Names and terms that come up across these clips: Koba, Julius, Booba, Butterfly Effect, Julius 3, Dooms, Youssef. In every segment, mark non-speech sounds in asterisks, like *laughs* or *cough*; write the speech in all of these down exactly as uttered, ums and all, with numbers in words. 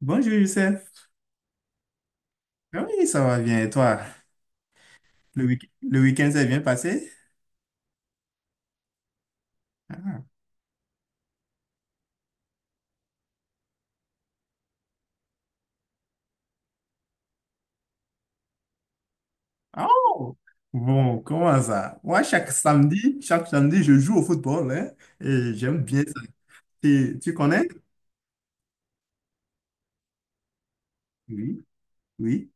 Bonjour Youssef. Ah oui, ça va bien. Et toi? Le week- le week-end s'est bien passé? Ah. Oh! Bon, comment ça? Moi, chaque samedi, chaque samedi, je joue au football, hein, et j'aime bien ça. Tu, tu connais? Oui, oui.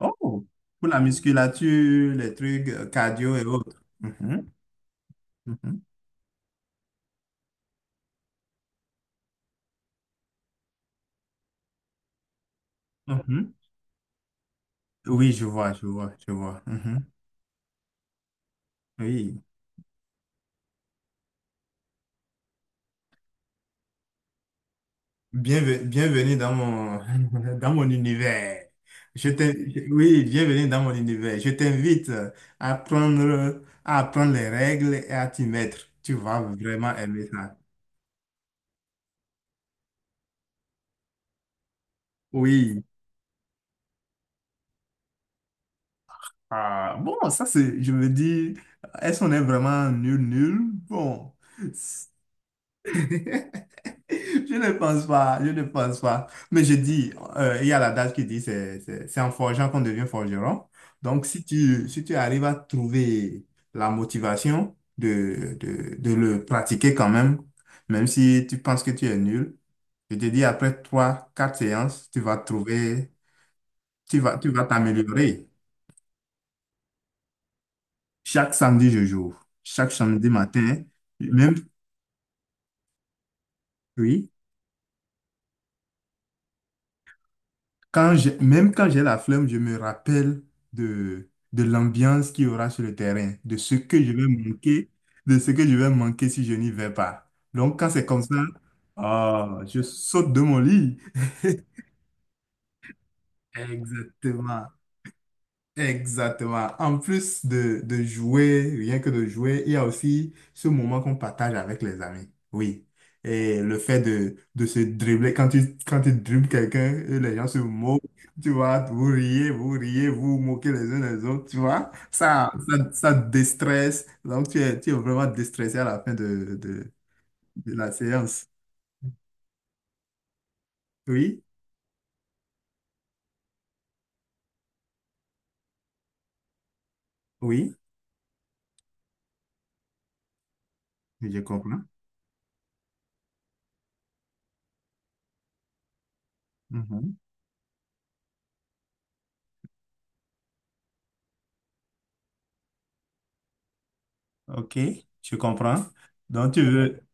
Oh! Pour la musculature, les trucs euh, cardio et autres. Mhm, mhm, mhm. Oui, je vois, je vois, je vois. Mhm. Oui. Bienve- bienvenue dans mon, *laughs* dans mon univers. Je t'in- je- oui, bienvenue dans mon univers. Je t'invite à prendre, à apprendre les règles et à t'y mettre. Tu vas vraiment aimer ça. Oui. Ah bon, ça c'est, je me dis, est-ce qu'on est vraiment nul, nul? Bon. *laughs* Je ne pense pas, je ne pense pas. Mais je dis, euh, il y a l'adage qui dit c'est c'est- c'est en forgeant qu'on devient forgeron. Donc, si tu, si tu arrives à trouver la motivation de, de, de le pratiquer quand même, même si tu penses que tu es nul, je te dis, après trois, quatre séances, tu vas trouver, tu vas, tu vas t'améliorer. Chaque samedi, je joue. Chaque samedi matin, même, oui. Quand j'ai- même quand j'ai la flemme, je me rappelle de, de l'ambiance qu'il y aura sur le terrain, de ce que je vais manquer, de ce que je vais manquer si je n'y vais pas. Donc, quand c'est comme ça, ah, je saute de mon lit. *laughs* Exactement. Exactement. En plus de, de jouer, rien que de jouer, il y a aussi ce moment qu'on partage avec les amis. Oui. Et le fait de, de se dribbler, quand tu, quand tu dribbles quelqu'un, et les gens se moquent, tu vois, vous riez, vous riez, vous vous moquez les uns les autres, tu vois. Ça, ça, ça déstresse. Donc, tu es, tu es vraiment déstressé à la fin de, de, de la séance. Oui, oui, je comprends. Mhm. OK, je comprends. Donc, tu veux.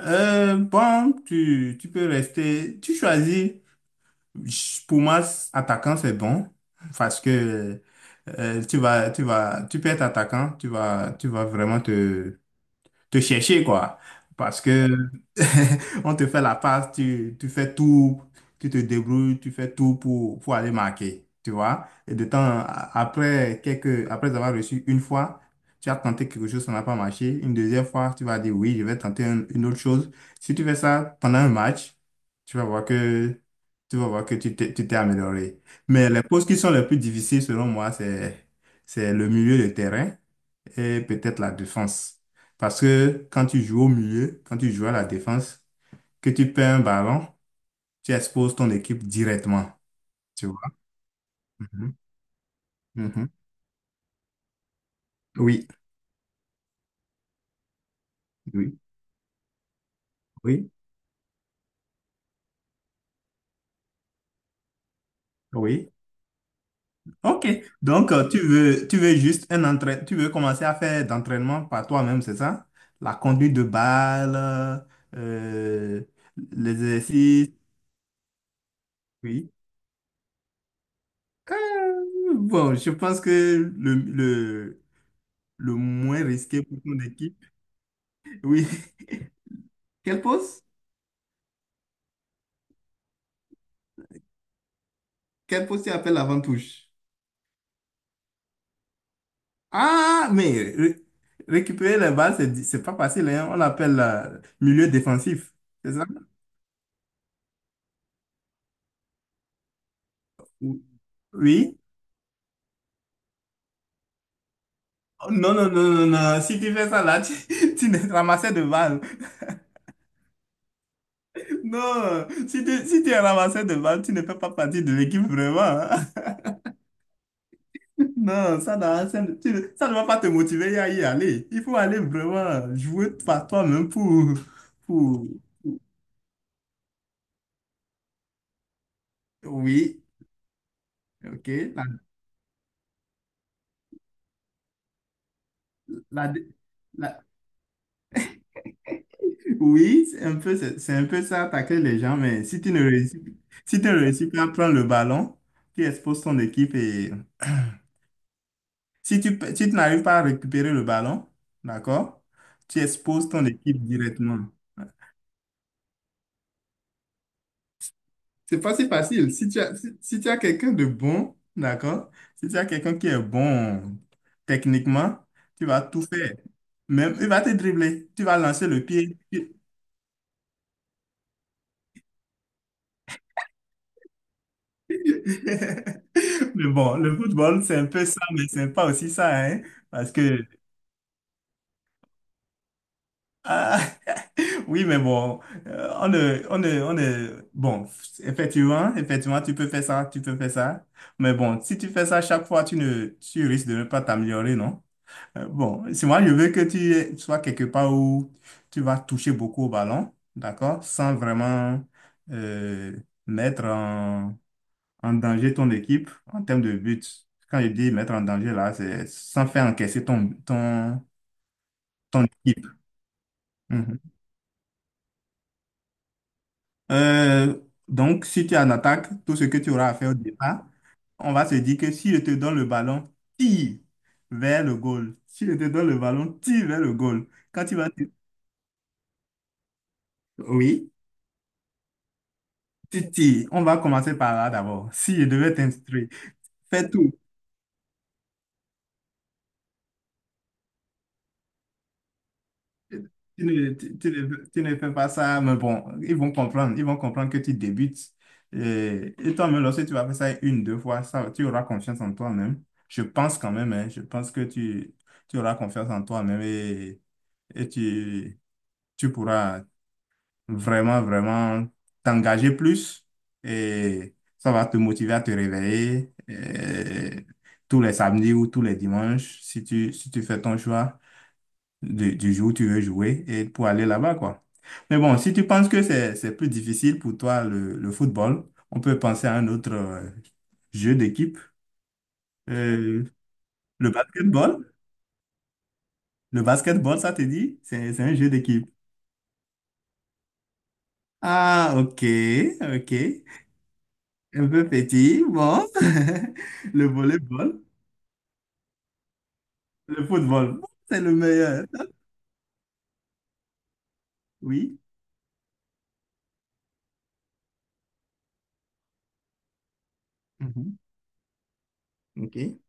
Euh, bon, tu, tu peux rester. Tu choisis. Ch- Pour moi, s- attaquant, c'est bon. Parce que euh, tu vas, tu vas, tu peux être attaquant. Tu vas, tu vas vraiment te, te chercher, quoi. Parce que *laughs* on te fait la passe, tu, tu fais tout, tu te débrouilles, tu fais tout pour, pour aller marquer, tu vois. Et de temps a- après, quelques, après avoir reçu une fois, tu as tenté quelque chose, ça n'a pas marché. Une deuxième fois, tu vas dire oui, je vais tenter un- une autre chose. Si tu fais ça pendant un match, tu vas voir que tu vas voir que tu t'es tu t'es amélioré. Mais les postes qui sont les plus difficiles, selon moi, c'est, c'est le milieu de terrain et peut-être la défense. Parce que quand tu joues au milieu, quand tu joues à la défense, que tu perds un ballon, tu exposes ton équipe directement. Tu vois? Mhm, mhm. Oui, oui, oui, oui. OK. Donc, euh, tu veux, tu veux juste un entraînement, tu veux commencer à faire d'entraînement par toi-même, c'est ça? La conduite de balle, euh, les exercices. Oui. Euh, bon, je pense que le, le, le moins risqué pour ton équipe. Oui. *laughs* Quelle pause? Quel poste appelle appelles l'avant-touche? Ah, mais ré- récupérer les balles, c'est di- c'est pas facile, hein. On l'appelle euh, milieu défensif, c'est ça? Ou- Oui? Oh non, non, non, non, non. Si tu fais ça là, tu, *laughs* tu ne ramassais de balles. Non, si tu, si tu es ramassé de balles, tu ne fais pas partie de l'équipe vraiment, hein. *laughs* Non, ça, n'a- ça, ne tu ne- ça ne va pas te motiver à y aller. Il faut aller vraiment jouer par toi-même pour, pour... Oui, ok. La, la, la. Oui, c'est un peu, c'est c'est un peu ça, attaquer les gens, mais si tu ne réussis, si tu ne réussis pas à prendre le ballon, tu exposes ton équipe et si tu, pe- si tu n'arrives pas à récupérer le ballon, d'accord, tu exposes ton équipe directement. C'est pas si facile. Si tu as, si, si tu as quelqu'un de bon, d'accord, si tu as quelqu'un qui est bon techniquement, tu vas tout faire. Même, il va te dribbler, tu vas lancer le pied. *laughs* Mais bon, le football, c'est un peu ça, mais c'est pas aussi ça, hein, parce que, ah, *laughs* oui, mais bon, euh, on ne, on ne, on ne, bon, effectivement, effectivement, tu peux faire ça, tu peux faire ça, mais bon, si tu fais ça chaque fois, tu ne, tu risques de ne pas t'améliorer, non? Euh, bon, si moi, je veux que tu aies- sois quelque part où tu vas toucher beaucoup au ballon, d'accord, sans vraiment euh, mettre en danger ton équipe en termes de buts. Quand je dis mettre en danger, là, c'est sans faire encaisser ton, ton, ton équipe. Mhm. Euh, donc, si tu es en attaque, tout ce que tu auras à faire au départ, on va se dire que si je te donne le ballon, tire vers le goal. Si je te donne le ballon, tire vers le goal. Quand tu vas… Oui, tu tires. On va commencer par là d'abord. Si je devais t'instruire, fais tout. Tu ne, tu- tu ne- tu ne fais pas ça, mais bon, ils vont comprendre. Ils vont comprendre que tu débutes. Et, et toi-même, lorsque tu vas faire ça une, deux fois, ça, tu auras confiance en toi-même. Je pense quand même, hein, je pense que tu, tu auras confiance en toi-même et, et tu, tu pourras vraiment, vraiment t'engager plus. Et ça va te motiver à te réveiller et tous les samedis ou tous les dimanches si tu, si tu fais ton choix du, du jour où tu veux jouer et pour aller là-bas, quoi. Mais bon, si tu penses que c'est, c'est plus difficile pour toi le, le football, on peut penser à un autre euh, jeu d'équipe. Euh, le basketball. Le basketball, ça te dit? C'est, c'est un jeu d'équipe. Ah, ok, ok. Un peu petit, bon. *laughs* Le volleyball, le football, c'est le meilleur. Oui. Mhm. Ok.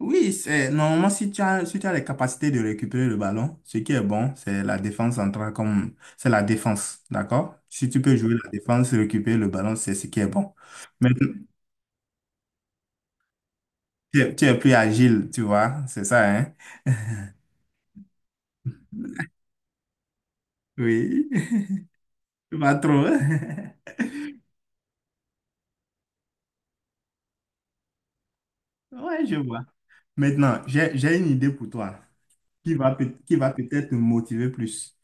Oui, c'est normalement si tu as si tu as les capacités de récupérer le ballon, ce qui est bon, c'est la défense centrale comme c'est la défense, d'accord? Si tu peux jouer la défense, récupérer le ballon, c'est ce qui est bon. Mais tu es, tu es plus agile, tu vois, c'est ça, hein? Oui, *laughs* pas trop. *laughs* Ouais, je vois. Maintenant, j'ai j'ai une idée pour toi, qui va, peut- qui va peut-être te motiver plus,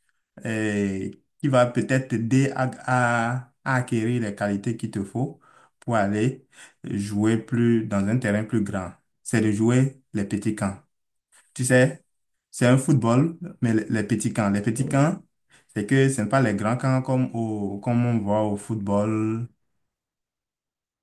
euh, qui va peut-être t'aider à, à- à acquérir les qualités qu'il te faut pour aller jouer plus dans un terrain plus grand. C'est de jouer les petits camps. Tu sais, c'est un football, mais les les petits camps. Les petits camps, c'est que ce n'est pas les grands camps comme, au, comme on voit au football.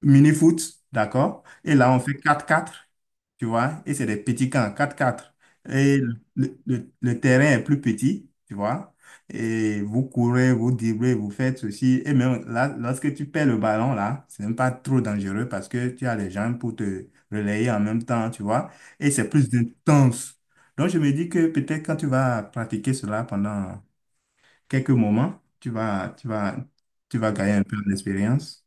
Mini-foot, d'accord? Et là, on fait quatre quatre, tu vois? Et c'est des petits camps, quatre quatre. Et le, le- le terrain est plus petit, tu vois? Et vous courez, vous dribblez, vous faites ceci. Et même là, lorsque tu perds le ballon, là, c'est même pas trop dangereux parce que tu as les gens pour te relayer en même temps, tu vois? Et c'est plus intense. Donc, je me dis que peut-être quand tu vas pratiquer cela pendant quelques moments, tu vas, tu vas, tu vas gagner un peu d'expérience.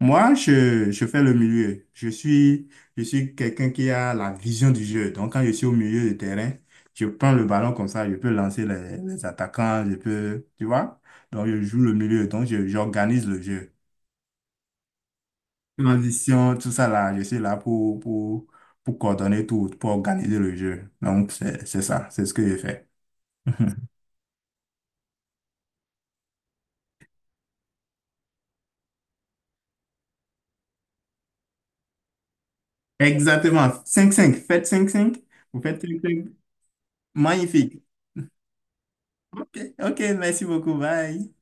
Moi, je, je fais le milieu. Je suis, je suis quelqu'un qui a la vision du jeu. Donc, quand je suis au milieu de terrain, je prends le ballon comme ça, je peux lancer les, les attaquants, je peux, tu vois? Donc, je joue le milieu. Donc, je- j'organise le jeu. Transition, tout ça là, je suis là pour, pour, pour coordonner tout, pour organiser le jeu. Donc, c'est, c'est ça, c'est ce que je fais. *laughs* Exactement. Cinq cinq. Faites cinq cinq. Vous faites cinq cinq. Magnifique. Ok, ok, merci beaucoup. Bye.